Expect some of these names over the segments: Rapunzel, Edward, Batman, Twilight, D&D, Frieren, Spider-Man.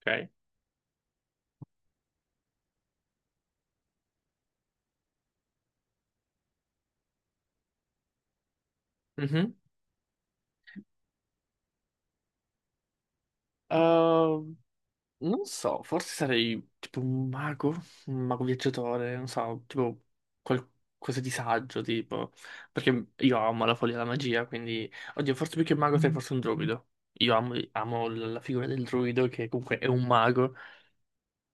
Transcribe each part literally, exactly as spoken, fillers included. Ok. Mhm. Ehm, Non so, forse sarei tipo un mago, un mago viaggiatore, non so, tipo qualcosa di saggio, tipo, perché io amo la follia e la magia, quindi, oddio, forse più che un mago sei forse un druido. Io amo, amo la la figura del druido che comunque è un mago.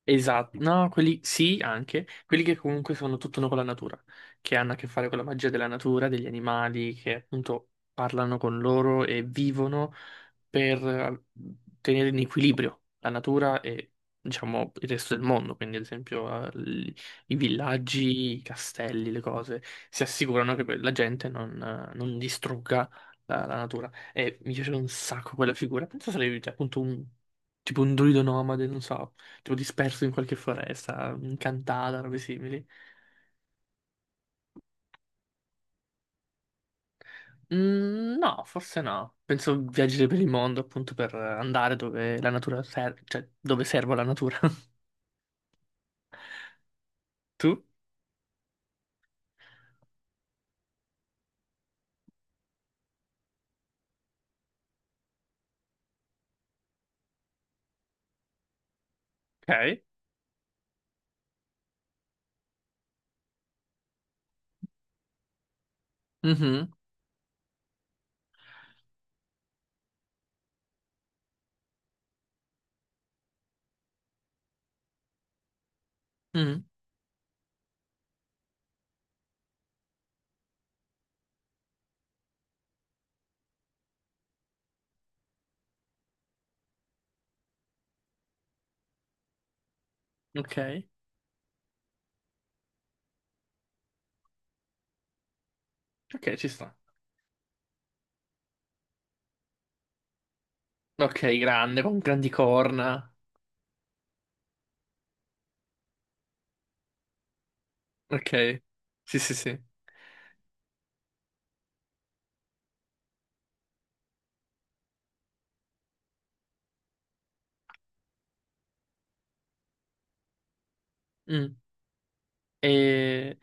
Esatto, no, quelli sì, anche, quelli che comunque sono tutto uno con la natura, che hanno a che fare con la magia della natura, degli animali che appunto parlano con loro e vivono per eh, tenere in equilibrio la natura e diciamo il resto del mondo, quindi ad esempio eh, l- i villaggi, i castelli, le cose, si assicurano che que- la gente non, eh, non distrugga la, la natura. E mi piace un sacco quella figura, penso sarebbe cioè, appunto un tipo un druido nomade, non so tipo disperso in qualche foresta, incantata, robe simili. Mm, no, forse no. Penso viaggiare per il mondo appunto per andare dove la natura serve, cioè dove serve la natura. Tu? Ok. Mhm. Mhm. Ok. Ok, ci sta. Ok, grande, con grandi corna. Ok. Sì, sì, sì. Mm. E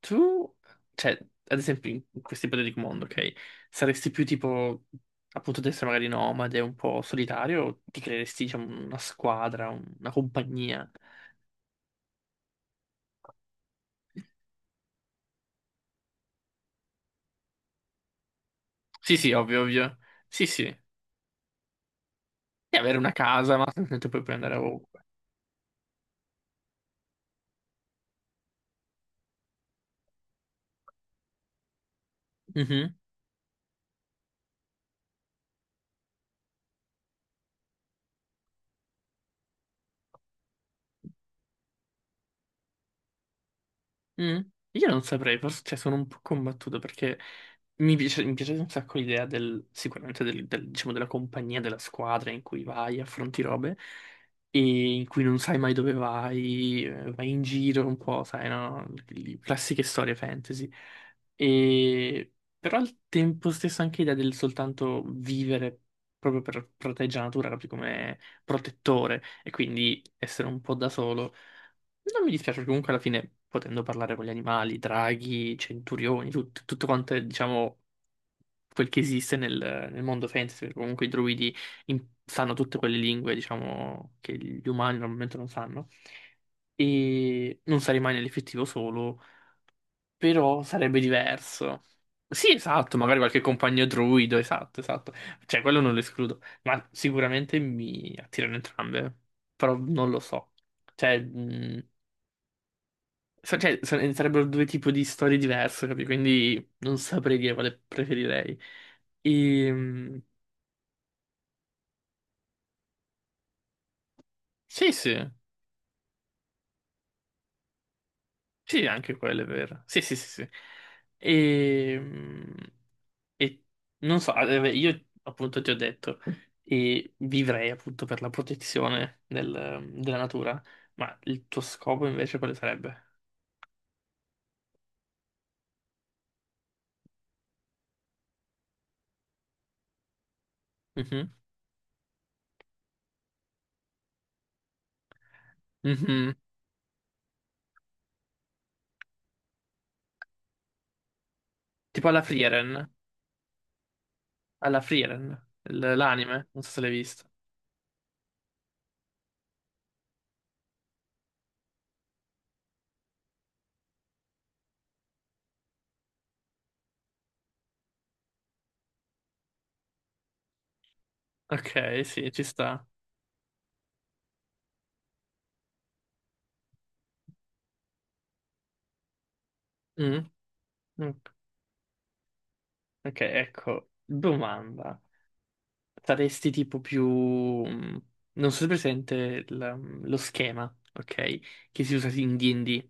tu, cioè, ad esempio, in in questo ipotetico mondo, ok? Saresti più tipo, appunto, di essere magari nomade, un po' solitario, o ti creeresti, diciamo, una squadra, un- una compagnia? Sì, sì, ovvio, ovvio. Sì, sì. E avere una casa, ma semplicemente poi puoi andare ovunque. Mm. Io non saprei, forse cioè, sono un po' combattuto perché mi piace, mi piace un sacco l'idea del, sicuramente del, del- diciamo, della compagnia, della squadra in cui vai, affronti robe e in cui non sai mai dove vai, eh, vai in giro un po', sai, no? Le classiche storie fantasy. E... Però al tempo stesso anche l'idea del soltanto vivere proprio per proteggere la natura, proprio come protettore e quindi essere un po' da solo. Non mi dispiace perché comunque alla fine, potendo parlare con gli animali, draghi, centurioni, tut- tutto quanto è, diciamo, quel che esiste nel, nel mondo fantasy, perché comunque i druidi in- sanno tutte quelle lingue, diciamo, che gli umani normalmente non sanno. E non sarei mai nell'effettivo solo, però sarebbe diverso. Sì, esatto, magari qualche compagno druido, esatto, esatto. Cioè, quello non lo escludo, ma sicuramente mi attirano entrambe, però non lo so. Cioè, sa- cioè, sare- sarebbero due tipi di storie diverse, capi? Quindi non saprei dire quale preferirei. Ehm, sì, sì, sì, anche quello è vero. Sì, sì, sì, sì. Ehm, E, non so, eh, beh, io appunto ti ho detto, e vivrei appunto per la protezione del- della natura, ma il tuo scopo invece quale sarebbe? Mhm, mhm. Tipo alla Frieren, alla Frieren, l- l'anime, non so se l'hai visto. Ok, sì, ci sta. Mm. Mm, ok, ecco, domanda. Saresti tipo più... mm, non so se è presente il- mm, lo schema, ok? Che si usa sì in D and D.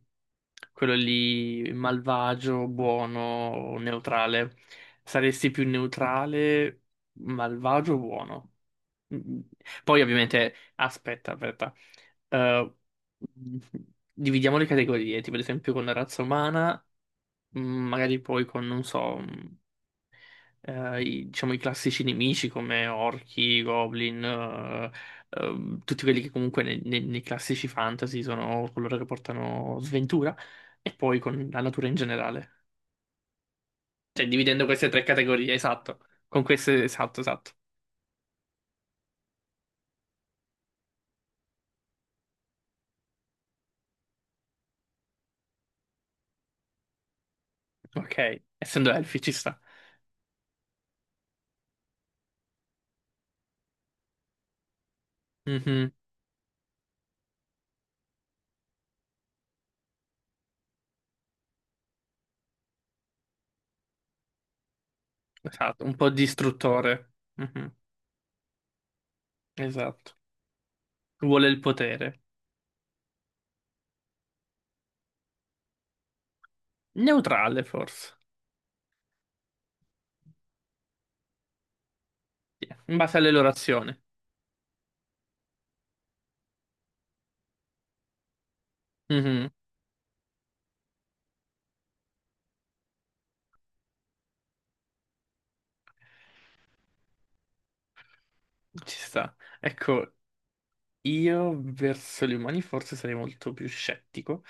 Quello lì malvagio, buono, neutrale. Saresti più neutrale, malvagio o buono? Mm, Poi ovviamente... Aspetta, aspetta. Eh, Dividiamo le categorie, tipo ad esempio con la razza umana, mm, magari poi con, non so... mm, eh, i, diciamo, i classici nemici come orchi, goblin, eh, eh, tutti quelli che comunque nei, nei- nei classici fantasy sono coloro che portano sventura, e poi con la natura in generale. Cioè, dividendo queste tre categorie, esatto. Con queste, esatto, esatto. Ok, essendo elfi ci sta. Mhm. Esatto, un po' distruttore. Mhm. Esatto. Vuole il potere. Neutrale, forse. Sì, in base all'elorazione. Mhm. Ci sta. Ecco, io verso gli umani forse sarei molto più scettico,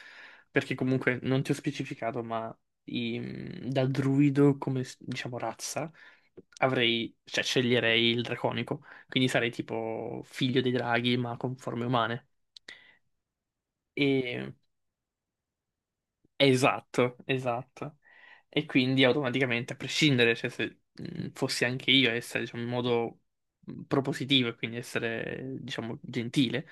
perché comunque non ti ho specificato, ma i- mm, da druido come diciamo razza avrei, cioè sceglierei il draconico, quindi sarei tipo figlio dei draghi ma con forme umane. Esatto, esatto. E quindi automaticamente, a prescindere, cioè, se mh, fossi anche io a essere, diciamo, in modo mh, propositivo e quindi essere, diciamo, gentile,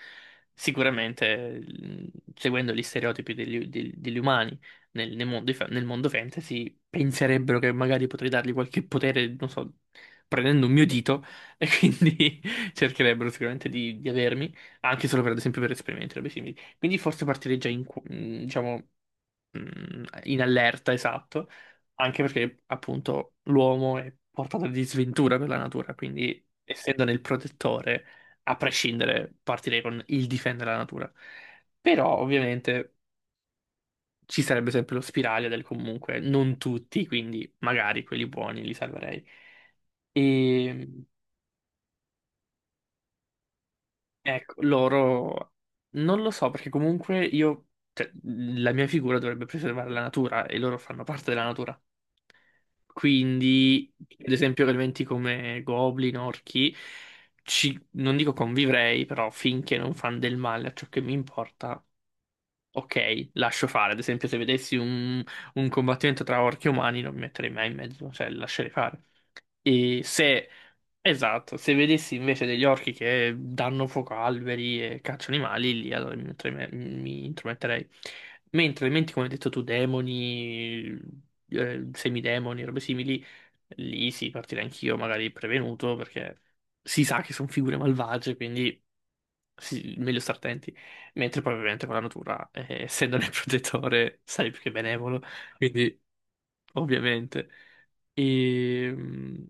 sicuramente, mh, seguendo gli stereotipi degli, degli- degli umani nel, nel mondo, fa- nel mondo fantasy, penserebbero che magari potrei dargli qualche potere, non so, prendendo un mio dito, e quindi cercherebbero sicuramente di, di avermi, anche solo per, ad esempio, per esperimenti robe simili. Quindi forse partirei già in, cu- mh, diciamo mh, in allerta, esatto, anche perché appunto l'uomo è portato di sventura per la natura, quindi essendo nel protettore, a prescindere, partirei con il difendere la natura. Però ovviamente ci sarebbe sempre lo spiraglio del comunque, non tutti, quindi magari quelli buoni li salverei. E ecco, loro non lo so perché comunque io, cioè, la mia figura dovrebbe preservare la natura e loro fanno parte della natura. Quindi, ad esempio, elementi come goblin, orchi, ci, non dico convivrei, però finché non fanno del male a ciò che mi importa, ok, lascio fare. Ad esempio, se vedessi un, un combattimento tra orchi e umani, non mi metterei mai in mezzo, cioè lascerei fare. E se, esatto, se vedessi invece degli orchi che danno fuoco a alberi e cacciano animali, lì allora mi, introme- mi intrometterei. Mentre elementi, come hai detto tu, demoni, eh, semidemoni, robe simili, lì sì, partirei anch'io, magari prevenuto, perché si sa che sono figure malvagie, quindi sì, meglio stare attenti. Mentre poi ovviamente con la natura, eh, essendone il protettore, sarei più che benevolo, quindi ovviamente. Ehm,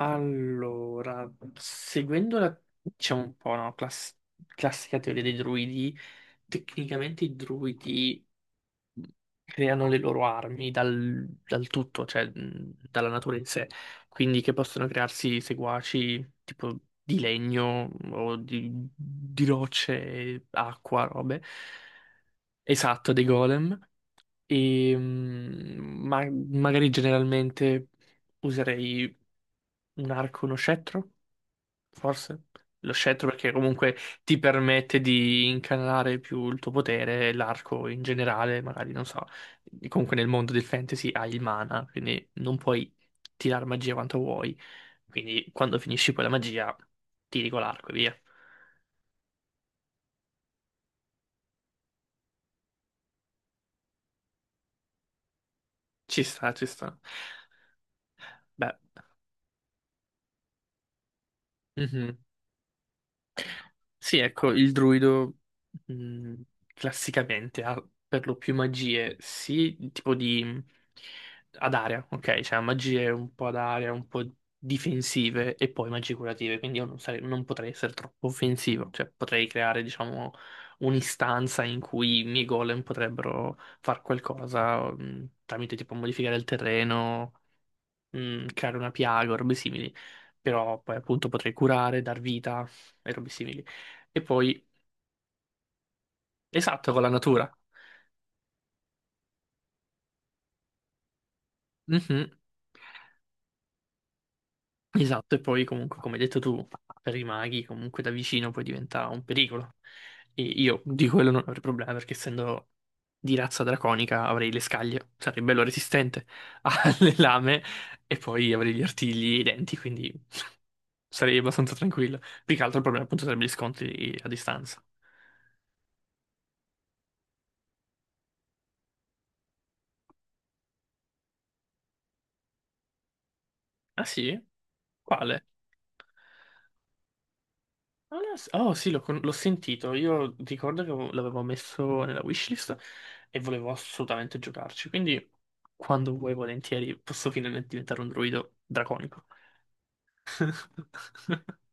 Allora, seguendo la, c'è un po' una class- classica teoria dei druidi, tecnicamente i druidi creano le loro armi dal, dal tutto, cioè mh, dalla natura in sé, quindi che possono crearsi seguaci tipo di legno o di, di rocce, acqua, robe. Esatto, dei golem. E, mm, ma magari generalmente userei un arco, uno scettro, forse. Lo scettro perché comunque ti permette di incanalare più il tuo potere, e l'arco in generale, magari non so. Comunque nel mondo del fantasy hai il mana, quindi non puoi tirare magia quanto vuoi. Quindi quando finisci poi la magia, tiri con l'arco e via. Ci sta, ci sta. Beh. Mhm. Sì, ecco, il druido mh, classicamente ha per lo più magie, sì, tipo di ad area, ok? Cioè magie un po' ad area, un po' difensive e poi magie curative, quindi io non, sare- non potrei essere troppo offensivo, cioè potrei creare, diciamo, un'istanza in cui i miei golem potrebbero far qualcosa mh, tramite tipo modificare il terreno, mh, creare una piaga o robe simili, però poi appunto potrei curare, dar vita e robe simili. E poi esatto, con la natura. Mhm. Esatto, e poi comunque, come hai detto tu, per i maghi comunque da vicino poi diventa un pericolo. E io di quello non avrei problema perché essendo di razza draconica avrei le scaglie, sarei bello resistente alle lame e poi avrei gli artigli e i denti, quindi sarei abbastanza tranquillo. Più che altro il problema appunto sarebbe gli scontri a distanza. Ah sì? Quale? Non lo so. Oh sì, l'ho con- l'ho sentito. Io ricordo che avevo- l'avevo messo nella wishlist e volevo assolutamente giocarci. Quindi, quando vuoi, volentieri, posso finalmente diventare un druido draconico.